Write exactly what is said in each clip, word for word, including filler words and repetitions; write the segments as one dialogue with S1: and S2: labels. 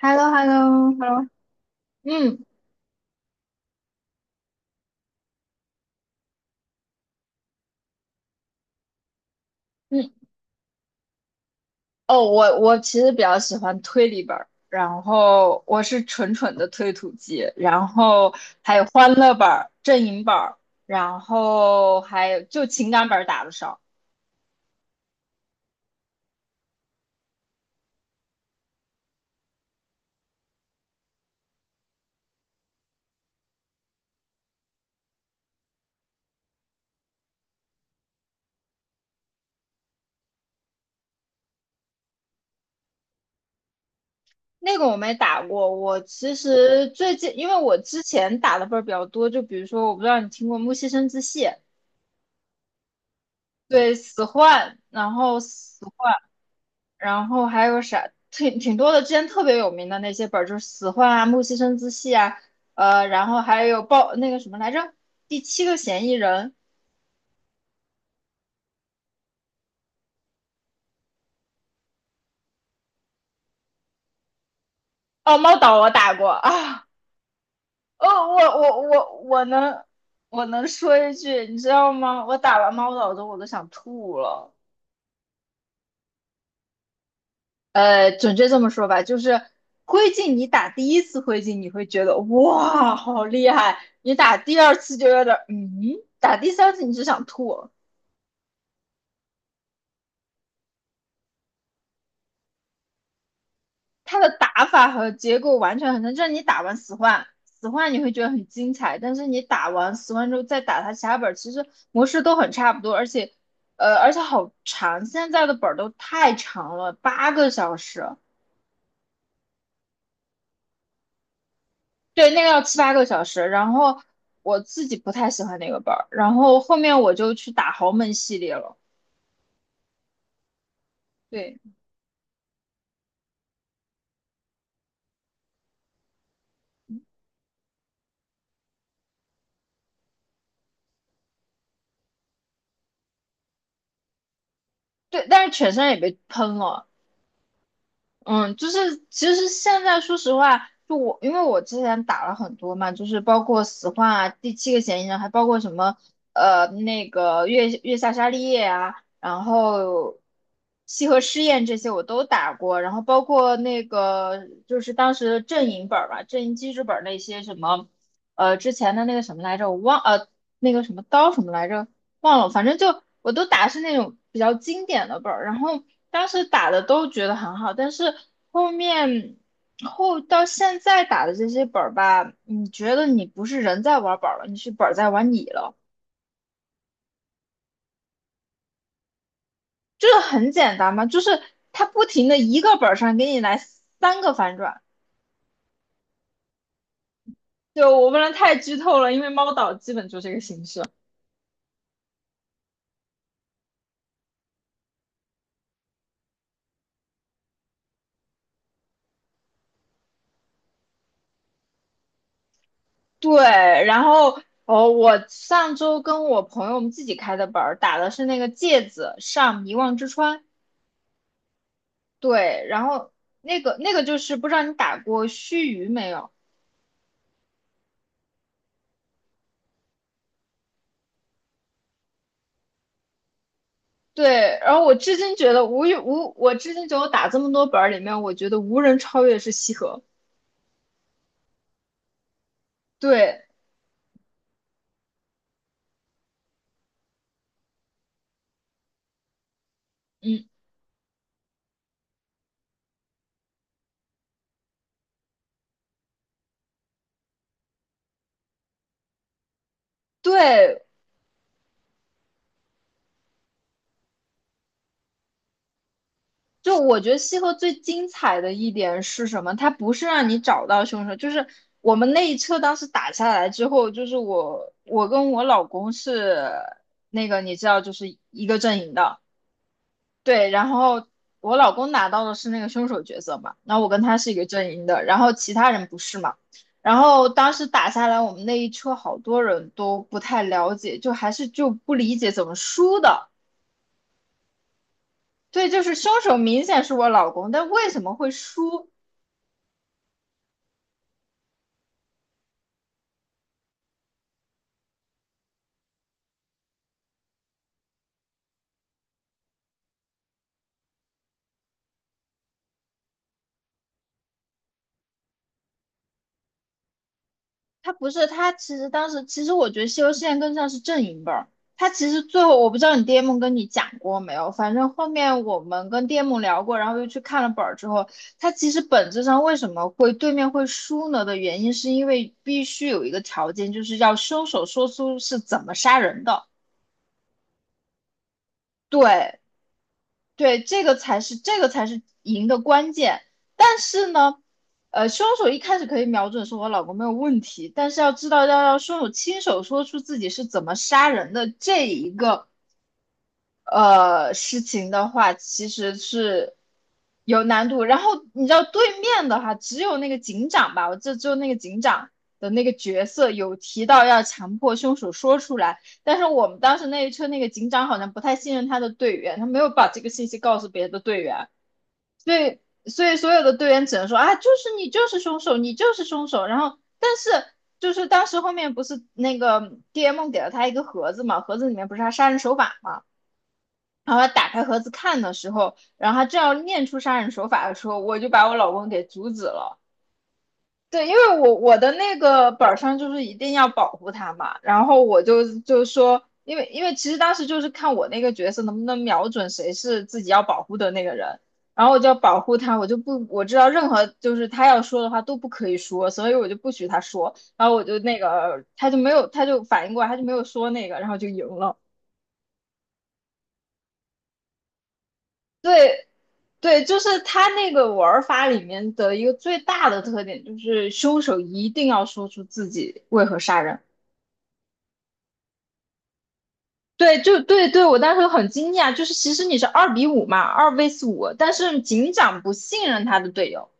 S1: h e l l o h e l l o h e l l o 嗯嗯，哦，我我其实比较喜欢推理本儿，然后我是纯纯的推土机，然后还有欢乐本儿、阵营本儿，然后还有就情感本儿打的少，那个我没打过。我其实最近因为我之前打的本儿比较多，就比如说我不知道你听过《木西生之戏》，对，死幻，然后死。然后还有啥，挺挺多的。之前特别有名的那些本儿，就是《死患》啊、《木西生自戏》啊，呃，然后还有报那个什么来着，《第七个嫌疑人》哦，《猫岛》我打过啊，哦，我我我我能我能说一句，你知道吗？我打完《猫岛》之后我都想吐了。呃，准确这么说吧，就是灰烬，你打第一次灰烬，你会觉得哇，好厉害；你打第二次就有点儿嗯，打第三次你就想吐。它的打法和结构完全很像，就是你打完死幻，死幻你会觉得很精彩，但是你打完死幻之后再打它其他本其实模式都很差不多，而且，呃，而且好长，现在的本都太长了，八个小时，对，那个要七八个小时，然后我自己不太喜欢那个本然后后面我就去打豪门系列了，对对，但是犬山也被喷了，嗯，就是其实现在说实话，就我因为我之前打了很多嘛，就是包括死幻啊、第七个嫌疑人，还包括什么呃那个月月下沙利叶啊，然后西河试验这些我都打过，然后包括那个就是当时的阵营本儿吧，阵营机制本儿那些什么呃之前的那个什么来着，我忘呃那个什么刀什么来着，忘了，反正就我都打的是那种比较经典的本儿，然后当时打的都觉得很好，但是后面后到现在打的这些本儿吧，你觉得你不是人在玩本儿了，你是本儿在玩你了，就是很简单嘛，就是它不停的一个本儿上给你来三个反转，就我不能太剧透了，因为猫岛基本就这个形式。对，然后哦，我上周跟我朋友我们自己开的本儿打的是那个芥子上遗忘之川。对，然后那个那个就是不知道你打过须臾没有？对，然后我至今觉得无与无，我至今觉得我打这么多本儿里面，我觉得无人超越是西河。对，嗯，对，就我觉得西河最精彩的一点是什么？它不是让你找到凶手，就是我们那一车当时打下来之后，就是我我跟我老公是那个你知道，就是一个阵营的。对，然后我老公拿到的是那个凶手角色嘛，那我跟他是一个阵营的，然后其他人不是嘛。然后当时打下来，我们那一车好多人都不太了解，就还是就不理解怎么输的。对，就是凶手明显是我老公，但为什么会输？他不是他，其实当时其实我觉得西游记更像是阵营本。他其实最后我不知道你 D M 跟你讲过没有，反正后面我们跟 D M 聊过，然后又去看了本儿之后，他其实本质上为什么会对面会输呢的原因，是因为必须有一个条件，就是要凶手说出是怎么杀人的。对，对，这个才是这个才是赢的关键。但是呢，呃，凶手一开始可以瞄准说我老公没有问题，但是要知道要让凶手亲手说出自己是怎么杀人的这一个呃事情的话，其实是有难度。然后你知道对面的话，只有那个警长吧，我记得只有那个警长的那个角色有提到要强迫凶手说出来，但是我们当时那一车那个警长好像不太信任他的队员，他没有把这个信息告诉别的队员，所以所以所有的队员只能说啊，就是你就是凶手，你就是凶手。然后但是。就是当时后面不是那个 D M 给了他一个盒子嘛，盒子里面不是他杀人手法嘛，然后他打开盒子看的时候，然后他正要念出杀人手法的时候，我就把我老公给阻止了。对，因为我我的那个本上就是一定要保护他嘛，然后我就就说，因为因为其实当时就是看我那个角色能不能瞄准谁是自己要保护的那个人，然后我就要保护他，我就不我知道任何就是他要说的话都不可以说，所以我就不许他说，然后我就那个他就没有他就反应过来，他就没有说那个，然后就赢了。对，对，就是他那个玩法里面的一个最大的特点，就是凶手一定要说出自己为何杀人。对，就对对，我当时很惊讶，就是其实你是二比五嘛，二 v s 五，但是警长不信任他的队友，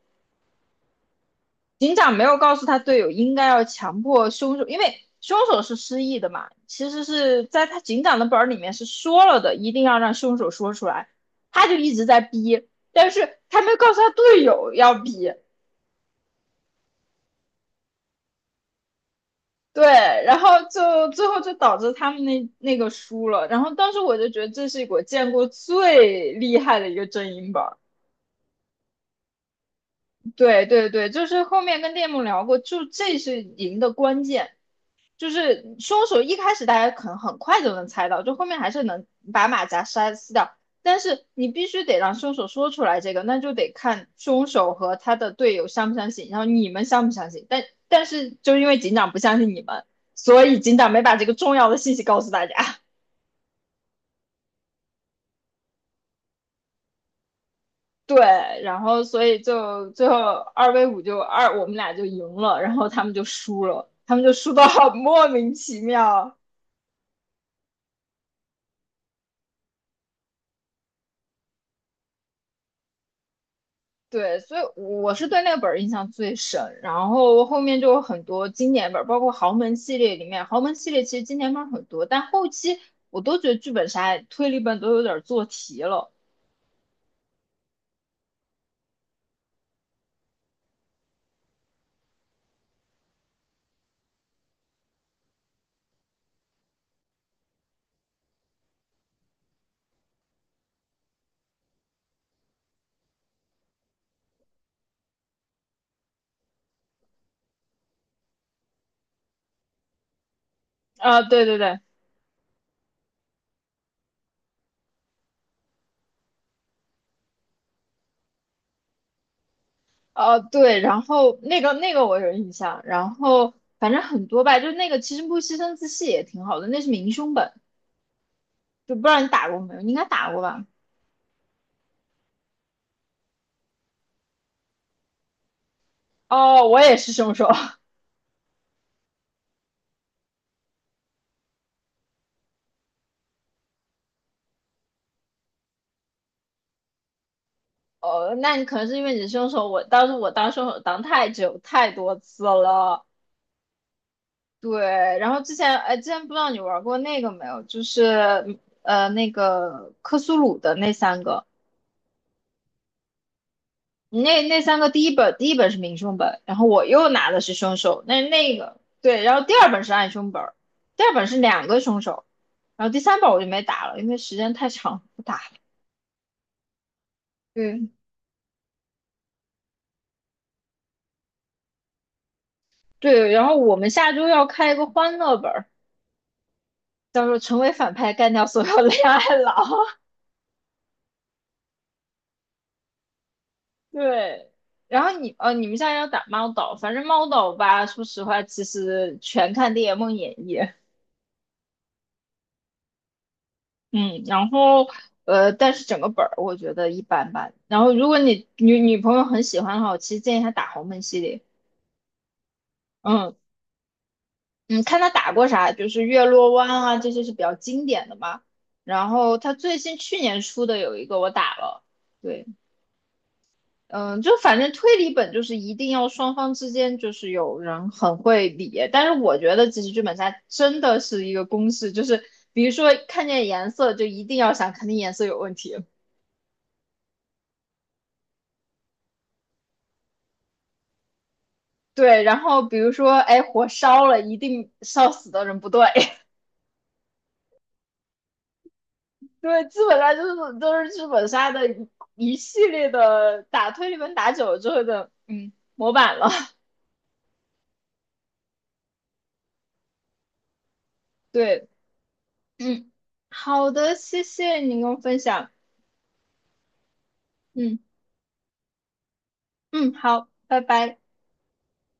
S1: 警长没有告诉他队友应该要强迫凶手，因为凶手是失忆的嘛，其实是在他警长的本儿里面是说了的，一定要让凶手说出来，他就一直在逼，但是他没有告诉他队友要逼。对，然后就最后就导致他们那那个输了。然后当时我就觉得这是我见过最厉害的一个阵营吧。对对对，就是后面跟店木聊过，就这是赢的关键，就是凶手一开始大家可能很快就能猜到，就后面还是能把马甲杀撕掉，但是你必须得让凶手说出来这个，那就得看凶手和他的队友相不相信，然后你们相不相信，但但是就因为警长不相信你们，所以警长没把这个重要的信息告诉大家。对，然后所以就最后二 v 五就二，我们俩就赢了，然后他们就输了，他们就输到好莫名其妙。对，所以我是对那个本儿印象最深，然后后面就有很多经典本儿，包括豪门系列里面，豪门系列其实经典本儿很多，但后期我都觉得剧本杀、推理本都有点做题了。啊、对对对，呃，对，然后那个那个我有印象，然后反正很多吧，就那个其实不牺牲自戏也挺好的，那是明凶本。就不知道你打过没有，你应该打过吧？哦，我也是凶手。哦，那你可能是因为你是凶手，我当时我当凶手当太久太多次了。对，然后之前哎，之前不知道你玩过那个没有，就是呃那个克苏鲁的那三个，那那三个第一本第一本是明凶本，然后我又拿的是凶手，那那个对，然后第二本是暗凶本，第二本是两个凶手，然后第三本我就没打了，因为时间太长不打了。对，对，然后我们下周要开一个欢乐本儿，叫做"成为反派，干掉所有恋爱脑" 对，然后你呃，你们现在要打猫岛，反正猫岛吧，说实话，其实全看《猎梦演义》。嗯，然后呃，但是整个本儿我觉得一般般。然后如果你女女朋友很喜欢的话，我其实建议她打豪门系列。嗯嗯，看她打过啥，就是月落湾啊，这些是比较经典的嘛。然后她最新去年出的有一个我打了，对。嗯，就反正推理本就是一定要双方之间就是有人很会理，但是我觉得其实剧本杀真的是一个公式，就是比如说看见颜色就一定要想肯定颜色有问题，对，然后比如说哎火烧了，一定烧死的人不对，对，基本上就是都是剧本杀的一一系列的打推理本打久了之后的嗯模板了，对，嗯，好的，谢谢你跟我分享，嗯嗯，好，拜拜。